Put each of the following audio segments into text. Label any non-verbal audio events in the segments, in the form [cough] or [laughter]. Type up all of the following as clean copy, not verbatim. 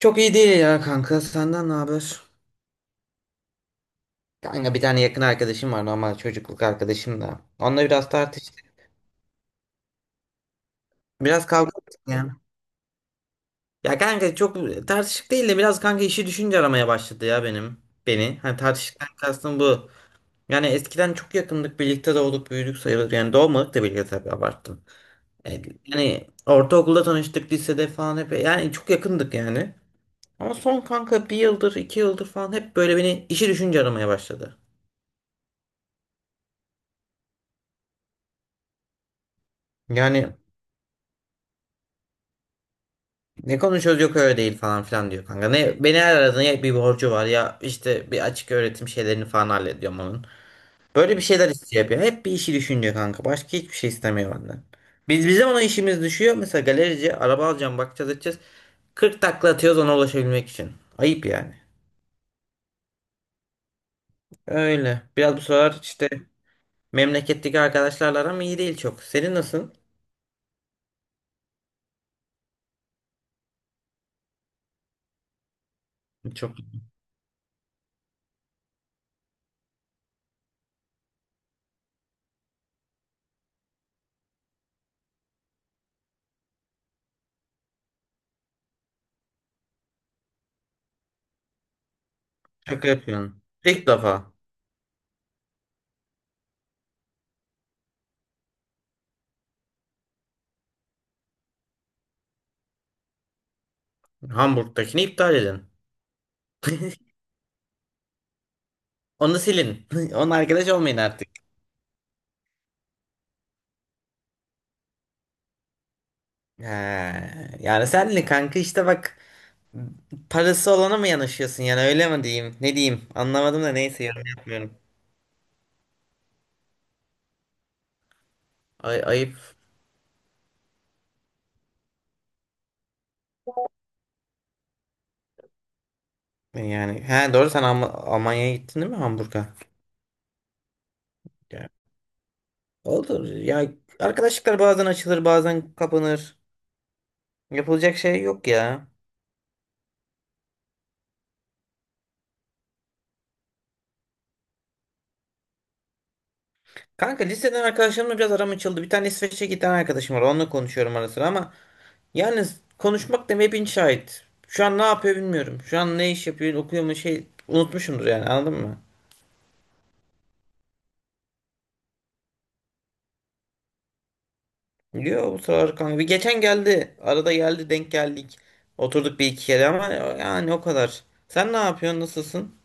Çok iyi değil ya kanka. Senden ne haber? Kanka bir tane yakın arkadaşım var, normal çocukluk arkadaşım da. Onunla biraz tartıştık. Biraz kavga ettik yani. Ya kanka çok tartışık değil de biraz kanka işi düşünce aramaya başladı ya benim. Beni. Hani tartışıktan kastım bu. Yani eskiden çok yakındık. Birlikte doğduk büyüdük sayılır. Yani doğmadık da birlikte, tabii abarttım. Yani ortaokulda tanıştık, lisede falan hep. Yani çok yakındık yani. Ama son kanka bir yıldır iki yıldır falan hep böyle beni işi düşünce aramaya başladı. Yani, ne konuşuyoruz, yok öyle değil falan filan diyor kanka. Ne, beni her aradığında ya bir borcu var ya işte bir açık öğretim şeylerini falan hallediyorum onun. Böyle bir şeyler istiyor hep ya. Hep bir işi düşünüyor kanka. Başka hiçbir şey istemiyor benden. Biz bizim ona işimiz düşüyor. Mesela galerici, araba alacağım, bakacağız edeceğiz. 40 takla atıyoruz ona ulaşabilmek için. Ayıp yani. Öyle. Biraz bu sıralar işte memleketteki arkadaşlarla aram iyi değil çok. Senin nasıl? Çok şaka yapıyorsun. İlk defa Hamburg'dakini iptal edin. Onu silin. [laughs] Onun arkadaş olmayın artık. He, yani sen kanka işte bak, parası olana mı yanaşıyorsun, yani öyle mi diyeyim ne diyeyim, anlamadım da neyse, yorum yapmıyorum. Ay, ayıp. Yani he, doğru, sen Almanya'ya gittin değil mi, Hamburg'a? Ya, olur ya, arkadaşlıklar bazen açılır bazen kapanır, yapılacak şey yok ya. Kanka liseden arkadaşlarımla biraz aram açıldı, bir tane İsveç'e giden arkadaşım var, onunla konuşuyorum ara sıra ama yani konuşmak demeye bin şahit. Şu an ne yapıyor bilmiyorum, şu an ne iş yapıyor, okuyor mu, şey, unutmuşumdur yani, anladın mı? Yo bu sıralar kanka. Bir geçen geldi. Arada geldi, denk geldik. Oturduk bir iki kere ama yani o kadar. Sen ne yapıyorsun? Nasılsın?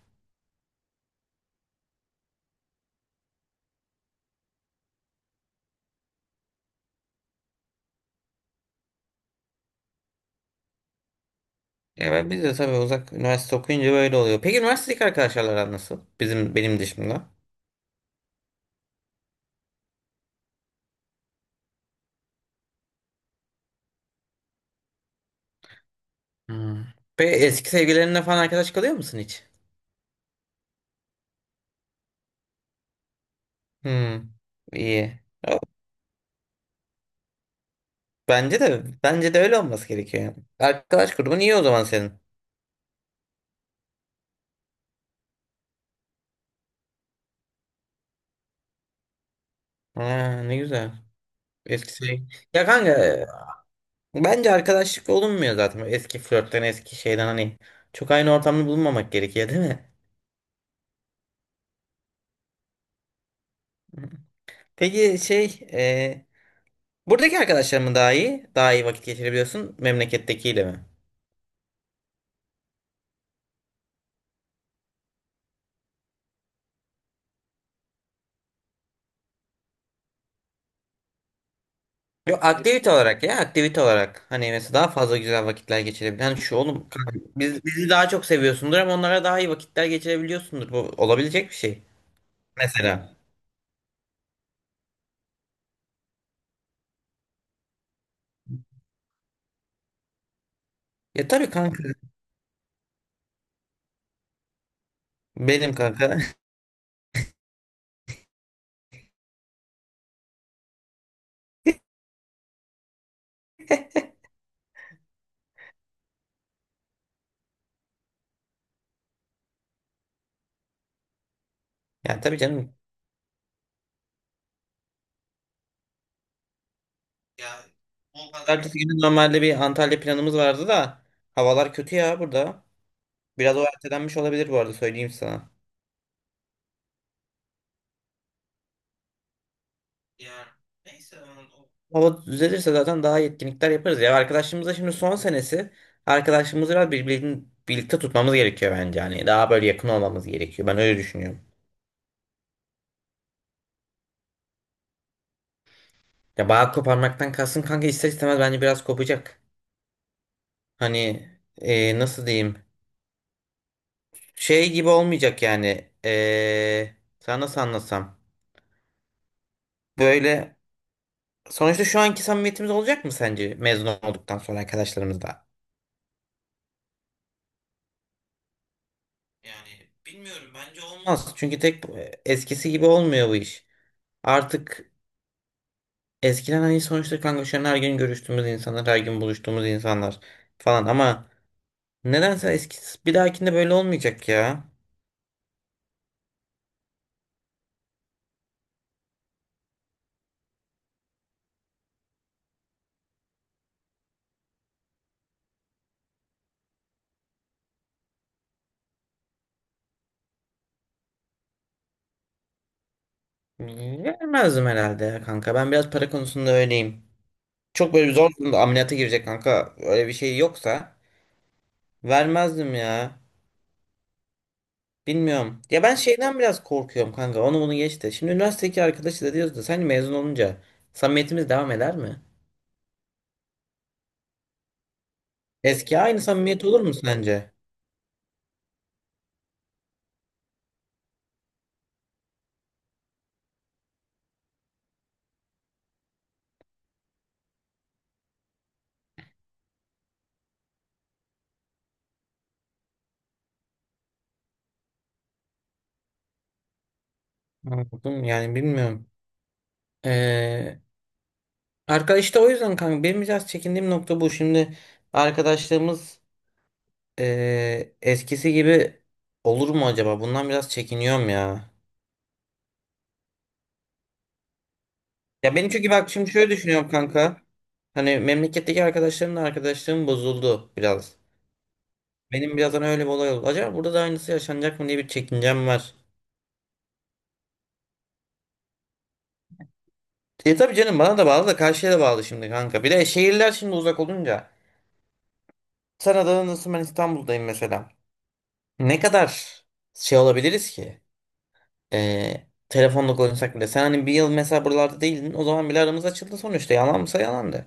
Ya biz de tabii uzak üniversite okuyunca böyle oluyor. Peki üniversitedeki arkadaşlarla aran nasıl? Bizim, benim dışımda. Hmm. Peki eski sevgilerinle falan arkadaş kalıyor musun hiç? Hmm. İyi. Ya, bence de öyle olması gerekiyor yani. Arkadaş grubun iyi o zaman senin. Ha, ne güzel. Eski sevgili. Ya kanka, bence arkadaşlık olunmuyor zaten. Böyle eski flörtten, eski şeyden, hani çok aynı ortamda bulunmamak gerekiyor değil mi? Peki e, buradaki arkadaşlar mı daha iyi? Daha iyi vakit geçirebiliyorsun memlekettekiyle mi? Yok, aktivite olarak, ya aktivite olarak. Hani mesela daha fazla güzel vakitler geçirebilen, hani şu oğlum kanka, bizi daha çok seviyorsundur ama onlara daha iyi vakitler geçirebiliyorsundur. Bu olabilecek bir şey. Mesela. Ya tabii kanka. Benim kanka. [laughs] Ya tabii canım. Ya o kadar. Ertesi günü normalde bir Antalya planımız vardı da havalar kötü ya burada. Biraz o ertelenmiş olabilir, bu arada söyleyeyim sana. Ya neyse, onun o hava düzelirse zaten daha iyi etkinlikler yaparız ya. Arkadaşımızda şimdi son senesi. Arkadaşımızı biraz, birbirini birlikte tutmamız gerekiyor bence. Yani daha böyle yakın olmamız gerekiyor. Ben öyle düşünüyorum. Ya bağ koparmaktan kalsın kanka, ister istemez bence biraz kopacak. Hani nasıl diyeyim? Şey gibi olmayacak yani. Sana nasıl anlatsam? Böyle sonuçta şu anki samimiyetimiz olacak mı sence mezun olduktan sonra arkadaşlarımızla? Yani bilmiyorum, bence olmaz. Çünkü tek eskisi gibi olmuyor bu iş. Artık eskiden, hani sonuçta kanka şu an her gün görüştüğümüz insanlar, her gün buluştuğumuz insanlar falan ama nedense eskisi bir dahakinde böyle olmayacak ya. Vermezdim herhalde ya kanka. Ben biraz para konusunda öyleyim. Çok böyle bir zor durumda, ameliyata girecek kanka, öyle bir şey yoksa vermezdim ya. Bilmiyorum. Ya ben şeyden biraz korkuyorum kanka. Onu bunu geç de. Şimdi üniversitedeki arkadaşı da diyoruz da sen mezun olunca samimiyetimiz devam eder mi? Eski aynı samimiyet olur mu sence? Anladım, yani bilmiyorum. Ee, Arkadaş işte, o yüzden kanka benim biraz çekindiğim nokta bu. Şimdi arkadaşlığımız eskisi gibi olur mu acaba? Bundan biraz çekiniyorum ya. Ya benim, çünkü bak şimdi şöyle düşünüyorum kanka. Hani memleketteki arkadaşlarımla arkadaşlığım bozuldu biraz. Benim birazdan öyle bir olay oldu. Acaba burada da aynısı yaşanacak mı diye bir çekincem var. E tabii canım, bana da bağlı da karşıya da bağlı şimdi kanka. Bir de şehirler şimdi uzak olunca. Sen Adana'dasın, ben İstanbul'dayım mesela. Ne kadar şey olabiliriz ki? Telefonla konuşsak bile. Sen hani bir yıl mesela buralarda değildin. O zaman bile aramız açıldı sonuçta. Yalansa yalandı.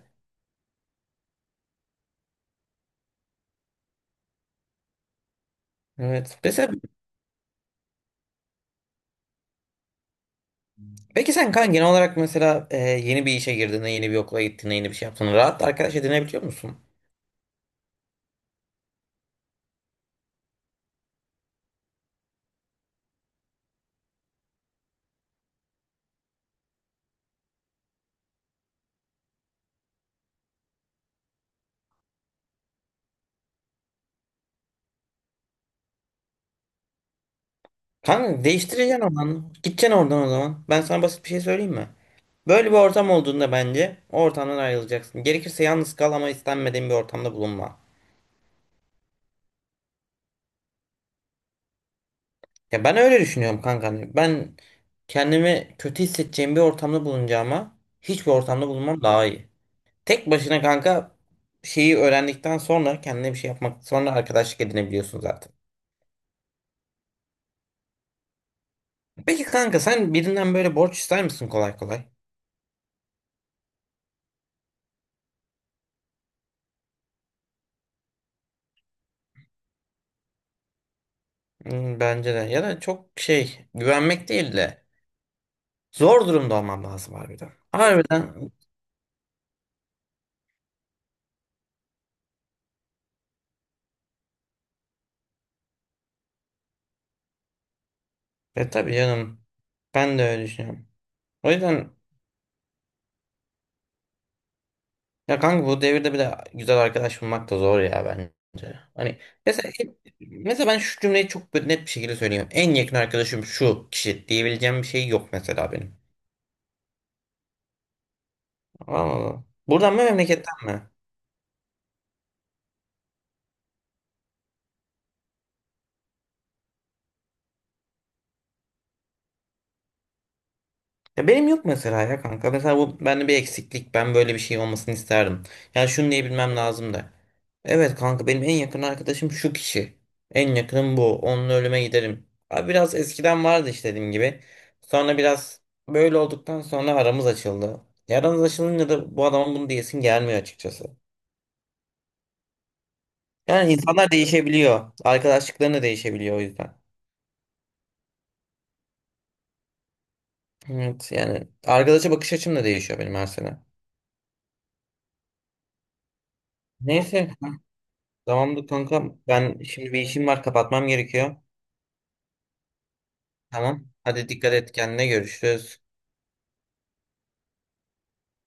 Evet. Mesela, peki sen kanka genel olarak mesela yeni bir işe girdiğinde, yeni bir okula gittiğinde, yeni bir şey yaptığında rahat arkadaş edinebiliyor musun? Kanka değiştireceksin alanı. Gideceksin oradan o zaman. Ben sana basit bir şey söyleyeyim mi? Böyle bir ortam olduğunda bence o ortamdan ayrılacaksın. Gerekirse yalnız kal ama istenmediğin bir ortamda bulunma. Ya ben öyle düşünüyorum kanka. Hani ben kendimi kötü hissedeceğim bir ortamda bulunacağıma hiçbir ortamda bulunmam daha iyi. Tek başına kanka şeyi öğrendikten sonra, kendine bir şey yapmak, sonra arkadaşlık edinebiliyorsun zaten. Peki kanka sen birinden böyle borç ister misin kolay kolay? Hmm, bence de. Ya da çok şey, güvenmek değil de. Zor durumda olmam lazım harbiden. Harbiden. E tabii canım. Ben de öyle düşünüyorum. O yüzden ya kanka, bu devirde bir de güzel arkadaş bulmak da zor ya bence. Hani mesela, mesela ben şu cümleyi çok böyle net bir şekilde söyleyeyim. En yakın arkadaşım şu kişi diyebileceğim bir şey yok mesela benim. Anladın mı? Buradan mı, memleketten mi? Ya benim yok mesela ya kanka. Mesela bu bende bir eksiklik. Ben böyle bir şey olmasını isterdim. Yani şunu diyebilmem lazım da. Evet kanka, benim en yakın arkadaşım şu kişi. En yakınım bu. Onunla ölüme giderim. Abi biraz eskiden vardı işte, dediğim gibi. Sonra biraz böyle olduktan sonra aramız açıldı. E, aramız açılınca da bu adamın bunu diyesin gelmiyor açıkçası. Yani insanlar değişebiliyor. Arkadaşlıkların da değişebiliyor o yüzden. Evet, yani arkadaşa bakış açım da değişiyor benim her sene. Neyse. Tamamdır kankam. Ben şimdi bir işim var, kapatmam gerekiyor. Tamam. Hadi dikkat et kendine, görüşürüz.